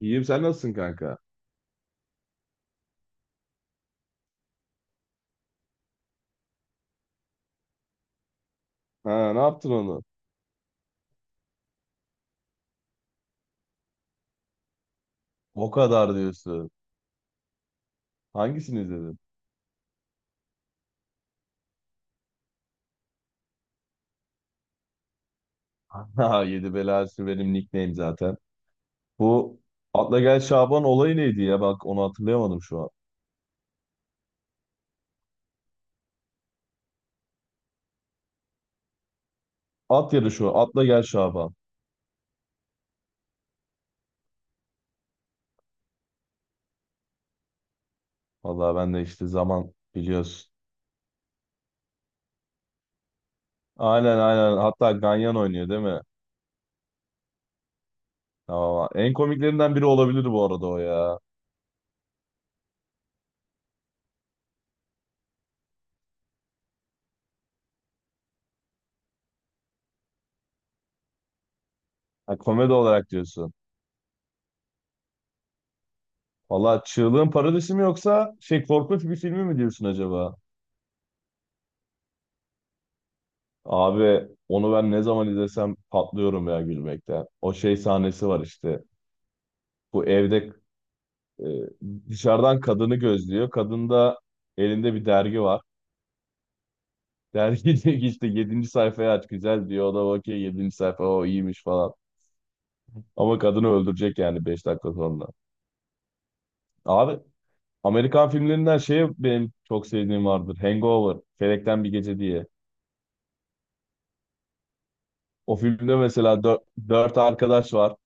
İyiyim, sen nasılsın kanka? Ha, ne yaptın onu? O kadar diyorsun. Hangisini izledin? Ha, Yedi Belası benim nickname zaten. Bu Atla Gel Şaban olayı neydi ya? Bak onu hatırlayamadım şu an. At yarışı o. Atla Gel Şaban. Vallahi ben de işte zaman biliyorsun. Aynen aynen. Hatta Ganyan oynuyor değil mi? Tamam. En komiklerinden biri olabilir bu arada o ya. Ha, komedi olarak diyorsun. Vallahi Çığlığın Paradisi mi yoksa şey korkunç bir filmi mi diyorsun acaba? Abi onu ben ne zaman izlesem patlıyorum ya gülmekten. O şey sahnesi var işte. Bu evde e, dışarıdan kadını gözlüyor. Kadın da elinde bir dergi var. Dergi diyor ki işte yedinci sayfayı aç güzel diyor. O da bakıyor yedinci sayfa o iyiymiş falan. Ama kadını öldürecek yani 5 dakika sonra. Abi Amerikan filmlerinden şey benim çok sevdiğim vardır. Hangover, Felekten Bir Gece diye. O filmde mesela dört arkadaş var.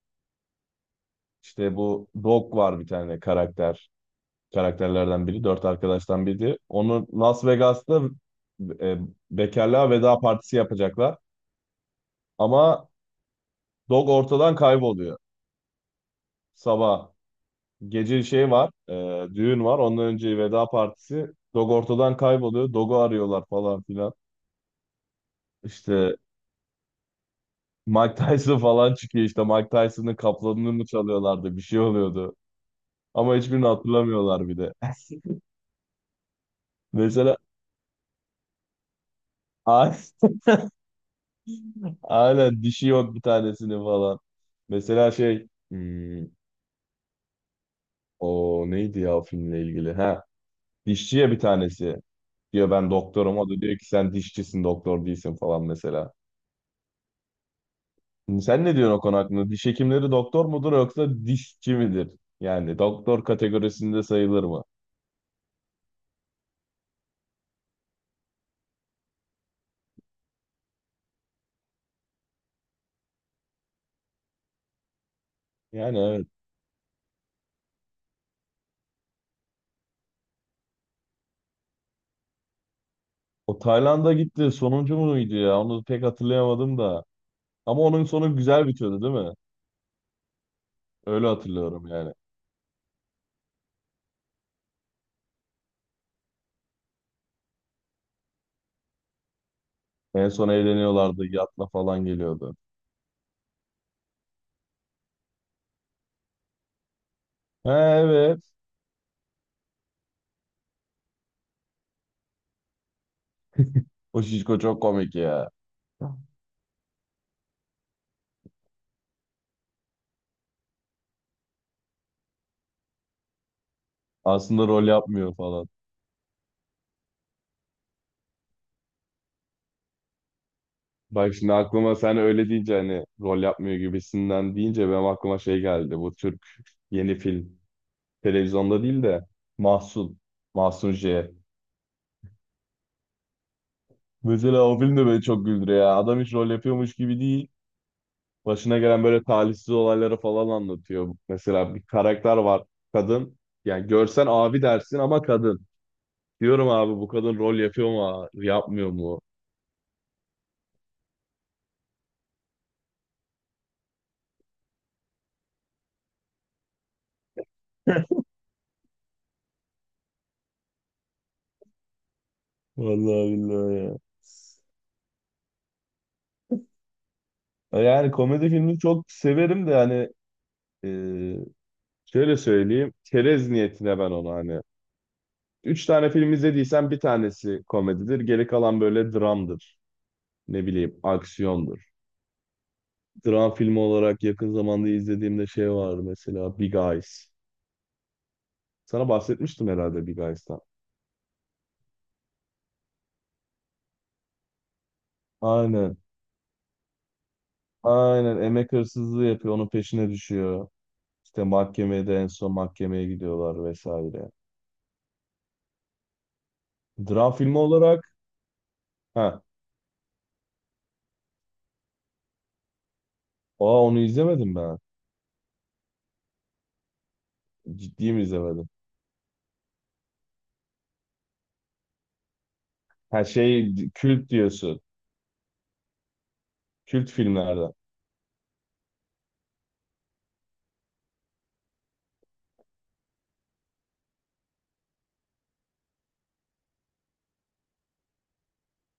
İşte bu Dog var bir tane karakter. Karakterlerden biri. Dört arkadaştan biri. Onu Las Vegas'ta e, bekarlığa veda partisi yapacaklar. Ama Dog ortadan kayboluyor. Sabah gece şey var, düğün var. Ondan önce veda partisi. Dog ortadan kayboluyor. Dog'u arıyorlar falan filan. İşte Mike Tyson falan çıkıyor işte. Mike Tyson'ın kaplanını mı çalıyorlardı? Bir şey oluyordu. Ama hiçbirini hatırlamıyorlar bir de. Mesela aynen dişi yok bir tanesini falan. Mesela şey o neydi ya o filmle ilgili? Ha, dişçiye bir tanesi diyor ben doktorum. O da diyor ki sen dişçisin doktor değilsin falan mesela. Sen ne diyorsun o konu hakkında? Diş hekimleri doktor mudur yoksa dişçi midir? Yani doktor kategorisinde sayılır mı? Yani evet. O Tayland'a gitti. Sonuncu muydu ya? Onu pek hatırlayamadım da. Ama onun sonu güzel bitiyordu değil mi? Öyle hatırlıyorum yani. En son eğleniyorlardı. Yatla falan geliyordu. Ha, evet. O şişko çok komik ya. Aslında rol yapmıyor falan. Bak şimdi aklıma sen öyle deyince hani rol yapmıyor gibisinden deyince benim aklıma şey geldi. Bu Türk yeni film. Televizyonda değil de Mahsun. Mahsun J. Mesela o film de beni çok güldürüyor ya. Adam hiç rol yapıyormuş gibi değil. Başına gelen böyle talihsiz olayları falan anlatıyor. Mesela bir karakter var. Kadın. Yani görsen abi dersin ama kadın. Diyorum abi bu kadın rol yapıyor mu? Yapmıyor mu? Vallahi billahi ya. Yani komedi filmi çok severim de hani, e, şöyle söyleyeyim. Çerez niyetine ben onu hani. Üç tane film izlediysen bir tanesi komedidir. Geri kalan böyle dramdır. Ne bileyim aksiyondur. Dram filmi olarak yakın zamanda izlediğimde şey var mesela Big Eyes. Sana bahsetmiştim herhalde Big Eyes'tan. Aynen. Aynen. Emek hırsızlığı yapıyor. Onun peşine düşüyor. İşte mahkemeye de en son mahkemeye gidiyorlar vesaire. Dram filmi olarak ha, aa, onu izlemedim ben. Ciddi mi izlemedin? Her şey kült diyorsun. Kült filmlerden.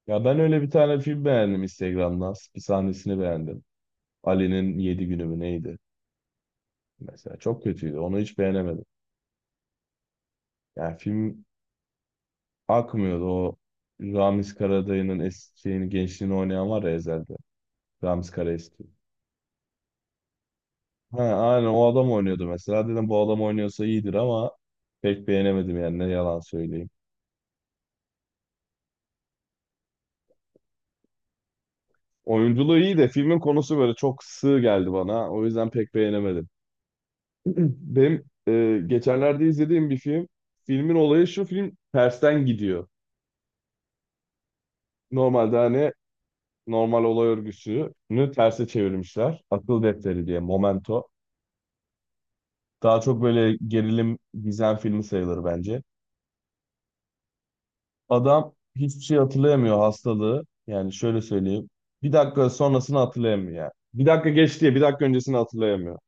Ya ben öyle bir tane film beğendim Instagram'dan. Bir sahnesini beğendim. Ali'nin Yedi günü mü neydi? Mesela çok kötüydü. Onu hiç beğenemedim. Yani film akmıyordu. O Ramiz Karadayı'nın eskiğini, gençliğini oynayan var ya Ezel'de. Ramiz Karaeski. Ha, aynen o adam oynuyordu mesela. Dedim bu adam oynuyorsa iyidir ama pek beğenemedim yani ne yalan söyleyeyim. Oyunculuğu iyi de filmin konusu böyle çok sığ geldi bana. O yüzden pek beğenemedim. Benim geçenlerde izlediğim bir film. Filmin olayı şu, film tersten gidiyor. Normalde hani normal olay örgüsünü terse çevirmişler. Akıl defteri diye Momento. Daha çok böyle gerilim gizem filmi sayılır bence. Adam hiçbir şey hatırlayamıyor, hastalığı. Yani şöyle söyleyeyim. Bir dakika sonrasını hatırlayamıyor yani. Bir dakika geç diye bir dakika öncesini hatırlayamıyor.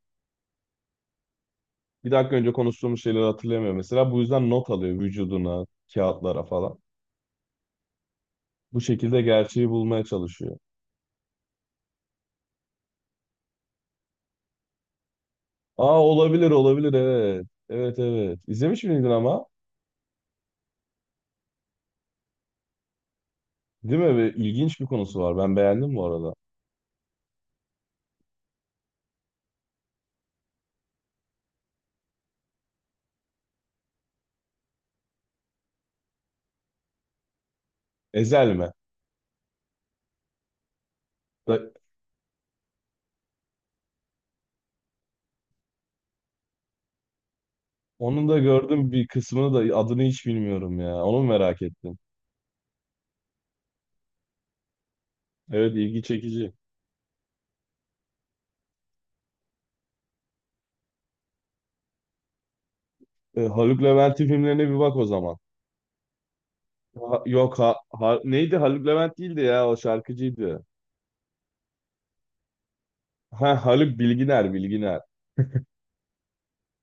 Bir dakika önce konuştuğumuz şeyleri hatırlayamıyor mesela. Bu yüzden not alıyor vücuduna, kağıtlara falan. Bu şekilde gerçeği bulmaya çalışıyor. Aa, olabilir olabilir, evet. Evet evet. İzlemiş miydin ama? Değil mi? Ve İlginç bir konusu var. Ben beğendim bu arada. Ezel mi? Da, onun da gördüm bir kısmını da adını hiç bilmiyorum ya. Onu merak ettim. Evet, ilgi çekici. E, Haluk Levent'in filmlerine bir bak o zaman. Yok, neydi, Haluk Levent değildi ya, o şarkıcıydı. Ha, Haluk Bilginer Bilginer.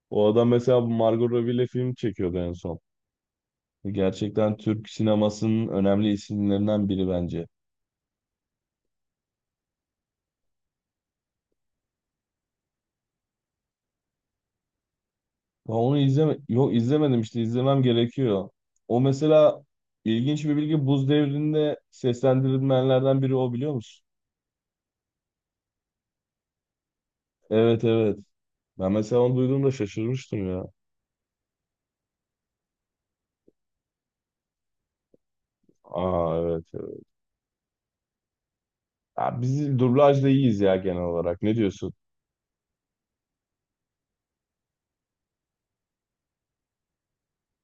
O adam mesela bu Margot Robbie'yle film çekiyordu en son. Gerçekten Türk sinemasının önemli isimlerinden biri bence. Ya onu izleme yok izlemedim işte, izlemem gerekiyor. O mesela ilginç bir bilgi, Buz Devri'nde seslendirilmeyenlerden biri o, biliyor musun? Evet evet. Ben mesela onu duyduğumda şaşırmıştım ya. Aa, evet evet. Ya biz dublajda iyiyiz ya genel olarak. Ne diyorsun?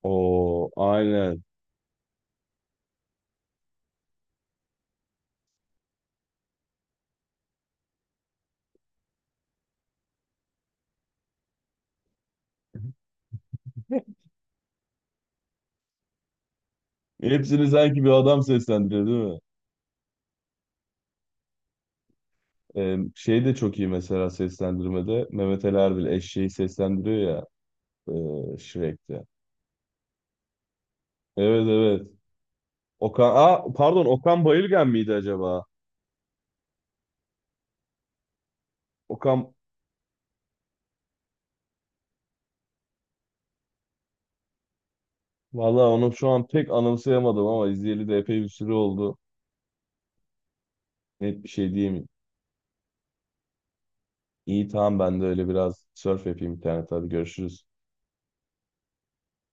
Oo, aynen. Hepsini sanki bir adam seslendiriyor değil mi? Şey de çok iyi mesela seslendirmede. Mehmet Ali Erbil eşeği seslendiriyor ya, Shrek'te. Evet evet. Okan, aa, pardon, Okan Bayülgen miydi acaba? Okan, vallahi onu şu an pek anımsayamadım ama izleyeli de epey bir süre oldu. Net bir şey diyeyim. İyi tamam, ben de öyle biraz surf yapayım internette. Hadi görüşürüz.